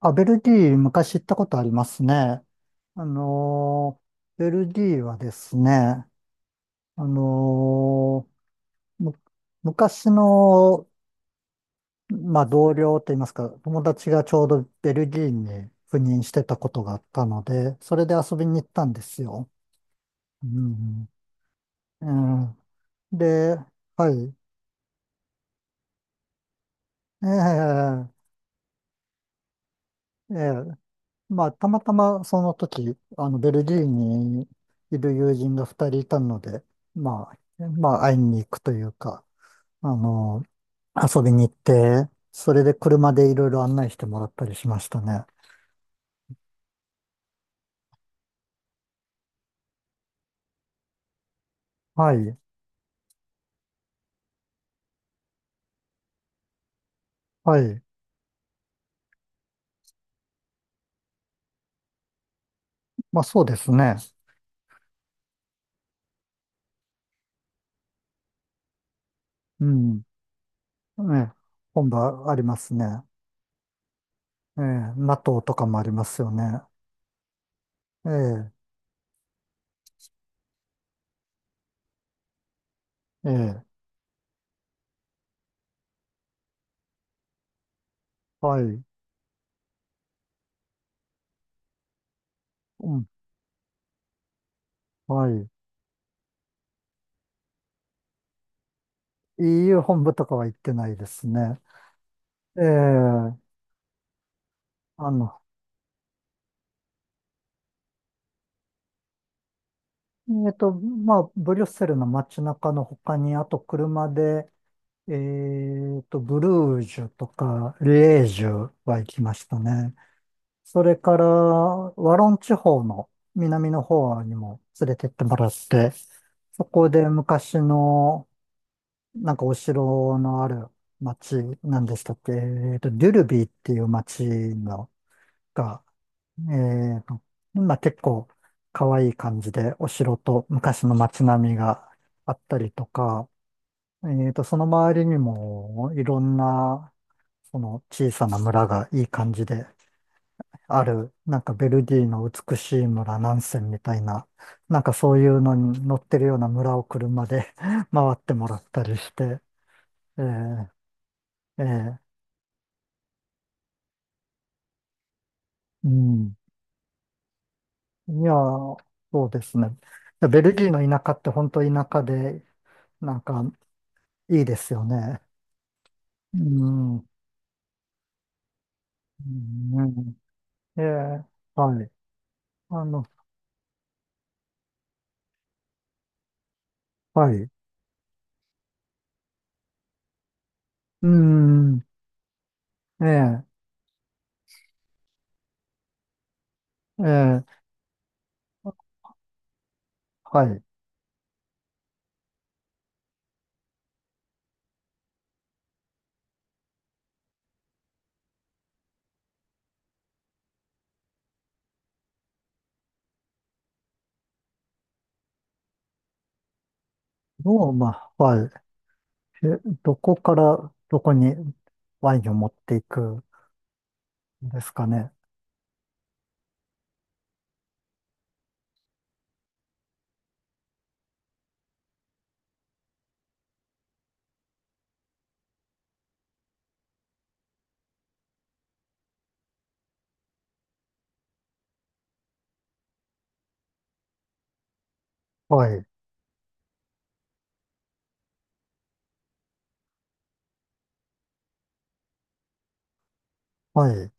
あ、ベルディ、昔行ったことありますね。あのーベルディはですね、あのーむ昔の、まあ、同僚といいますか、友達がちょうどベルギーに赴任してたことがあったので、それで遊びに行ったんですよ。うん、うんで、はい。ええええまあ、たまたまその時、ベルギーにいる友人が2人いたので、まあ、まあ、会いに行くというか、あの、遊びに行って、それで車でいろいろ案内してもらったりしましたね。はい、はい。まあ、そうですね。うん。ね、本場ありますね。ええ、NATO とかもありますよね。ええ、ええ、はい。うん、はい。EU 本部とかは行ってないですね。ええ、あの、まあ、ブリュッセルの街中の他に、あと車で、ブルージュとか、リエージュは行きましたね。それから、ワロン地方の南の方にも連れてってもらって、そこで昔の、なんかお城のある街なんでしたっけ、デュルビーっていう街のがえーと、まあ、結構可愛い感じでお城と昔の街並みがあったりとか、その周りにもいろんなその小さな村がいい感じである、なんかベルディの美しい村南線みたいな、なんかそういうのに乗ってるような村を車で 回ってもらったりして、えーえーうん。いやー、そうですね。ベルギーの田舎って本当田舎で、なんかいいですよね。うん。うん、ねええ、はい。あの、はい。うん。ええ、ええ、はい。ローマ、はい。え、どこからどこにワインを持っていくんですかね。はい。はい。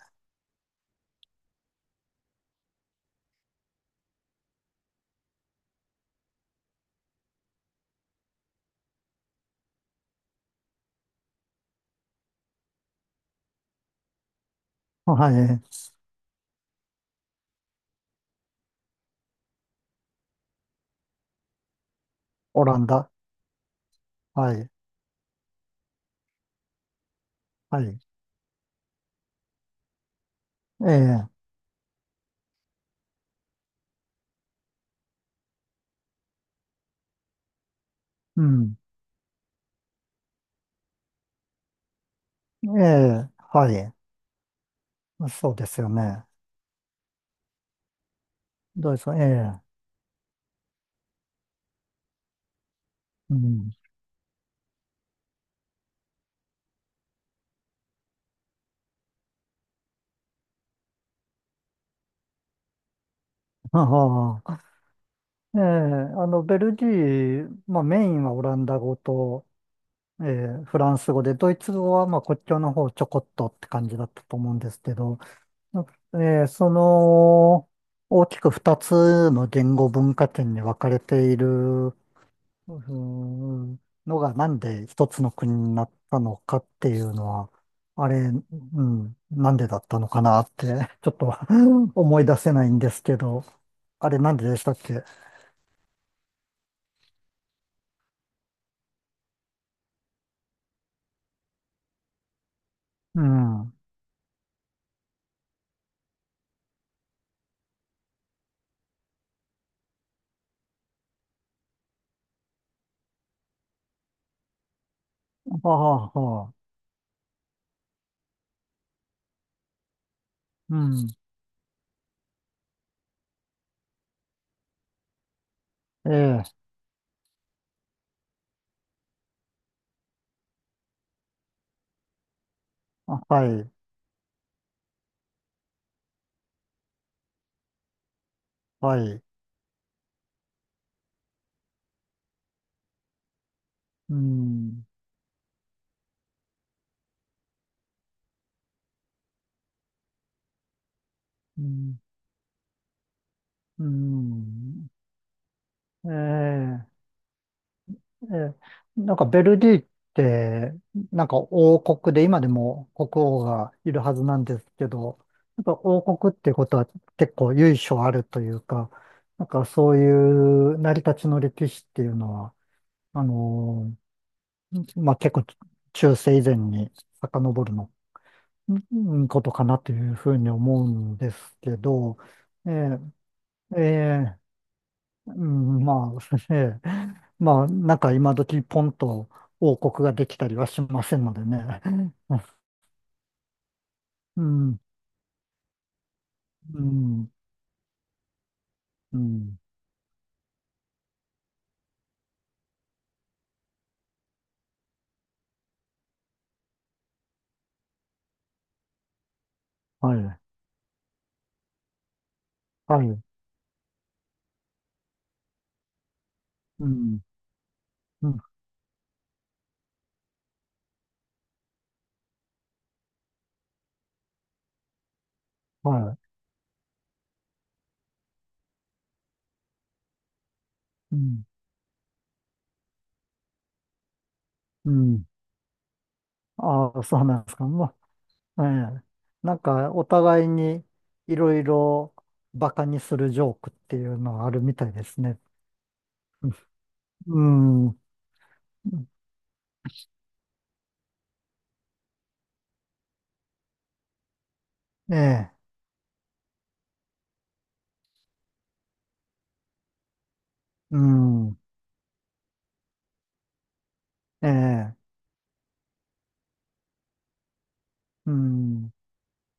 はい。オランダ。はい。はい。ええ、うん。ええ、はい。そうですよね。どうですか。ええ、うん。ははええ、ベルギー、まあメインはオランダ語と、ええ、フランス語で、ドイツ語はまあ国境の方ちょこっとって感じだったと思うんですけど、ええ、大きく2つの言語文化圏に分かれている、ーんのがなんで一つの国になったのかっていうのは、あれ、うん、なんでだったのかなって、ちょっと 思い出せないんですけど、あれなんででしたっけうん。ああ、はあ、うん。ええ、あはい、はい。うん、うん、うん。ええ、ええ、なんかベルギーって、なんか王国で、今でも国王がいるはずなんですけど、やっぱ王国ってことは結構由緒あるというか、なんかそういう成り立ちの歴史っていうのは、あのまあ、結構中世以前に遡るのうんことかなというふうに思うんですけど、ええええうん、まあ、ええ、まあ、なんか今時ポンと王国ができたりはしませんのでね。うん、うん、うん、はい、はい、うん、うん、はい、うん、うん。ああ、そうなんですか。まあ、ええなんかお互いにいろいろバカにするジョークっていうのはあるみたいですね。うん、うんええうん、ええ、うん、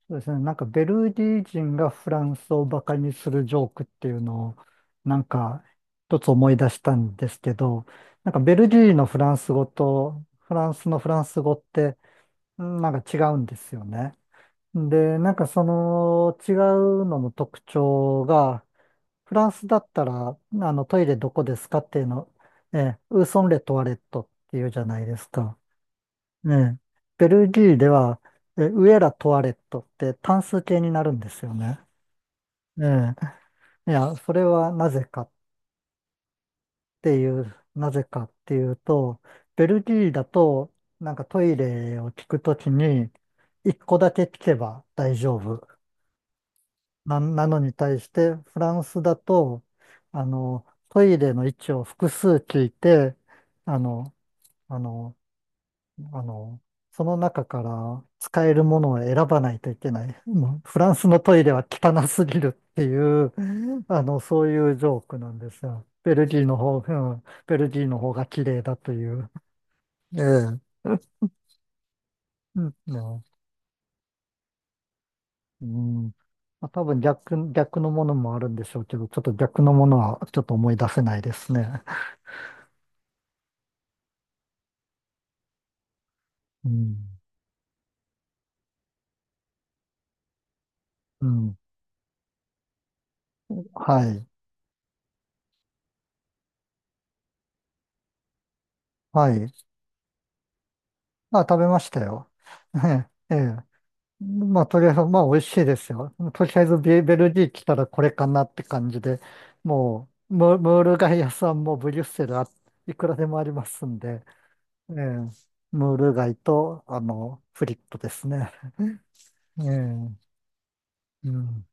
そうですね。なんかベルギー人がフランスをバカにするジョークっていうのを、なんか一つ思い出したんですけど、なんかベルギーのフランス語とフランスのフランス語って、うんなんか違うんですよね。で、なんかその違うのの特徴が、フランスだったら、あのトイレどこですかっていうの、ええ、ウーソンレトワレットっていうじゃないですか。ええ、ベルギーでは、ウエラ・トワレットって単数形になるんですよね。ええ、いや、それはなぜかっていうと、ベルギーだと、なんかトイレを聞くときに、一個だけ聞けば大丈夫。なのに対して、フランスだと、トイレの位置を複数聞いて、あの、あの、あの、その中から使えるものを選ばないといけない。もうフランスのトイレは汚すぎるっていう、そういうジョークなんですよ。ベルギーの方、ベルギーの方が綺麗だという。ええ。うんねうん。まあ、多分逆のものもあるんでしょうけど、ちょっと逆のものはちょっと思い出せないですね。うん。うん。はい。はい。あ、食べましたよ。ええ。ええまあ、とりあえず、まあ、美味しいですよ。とりあえずベルギー来たらこれかなって感じで、もう、ムール貝屋さんもブリュッセルいくらでもありますんで、ええムール貝と、フリットですね。ええうん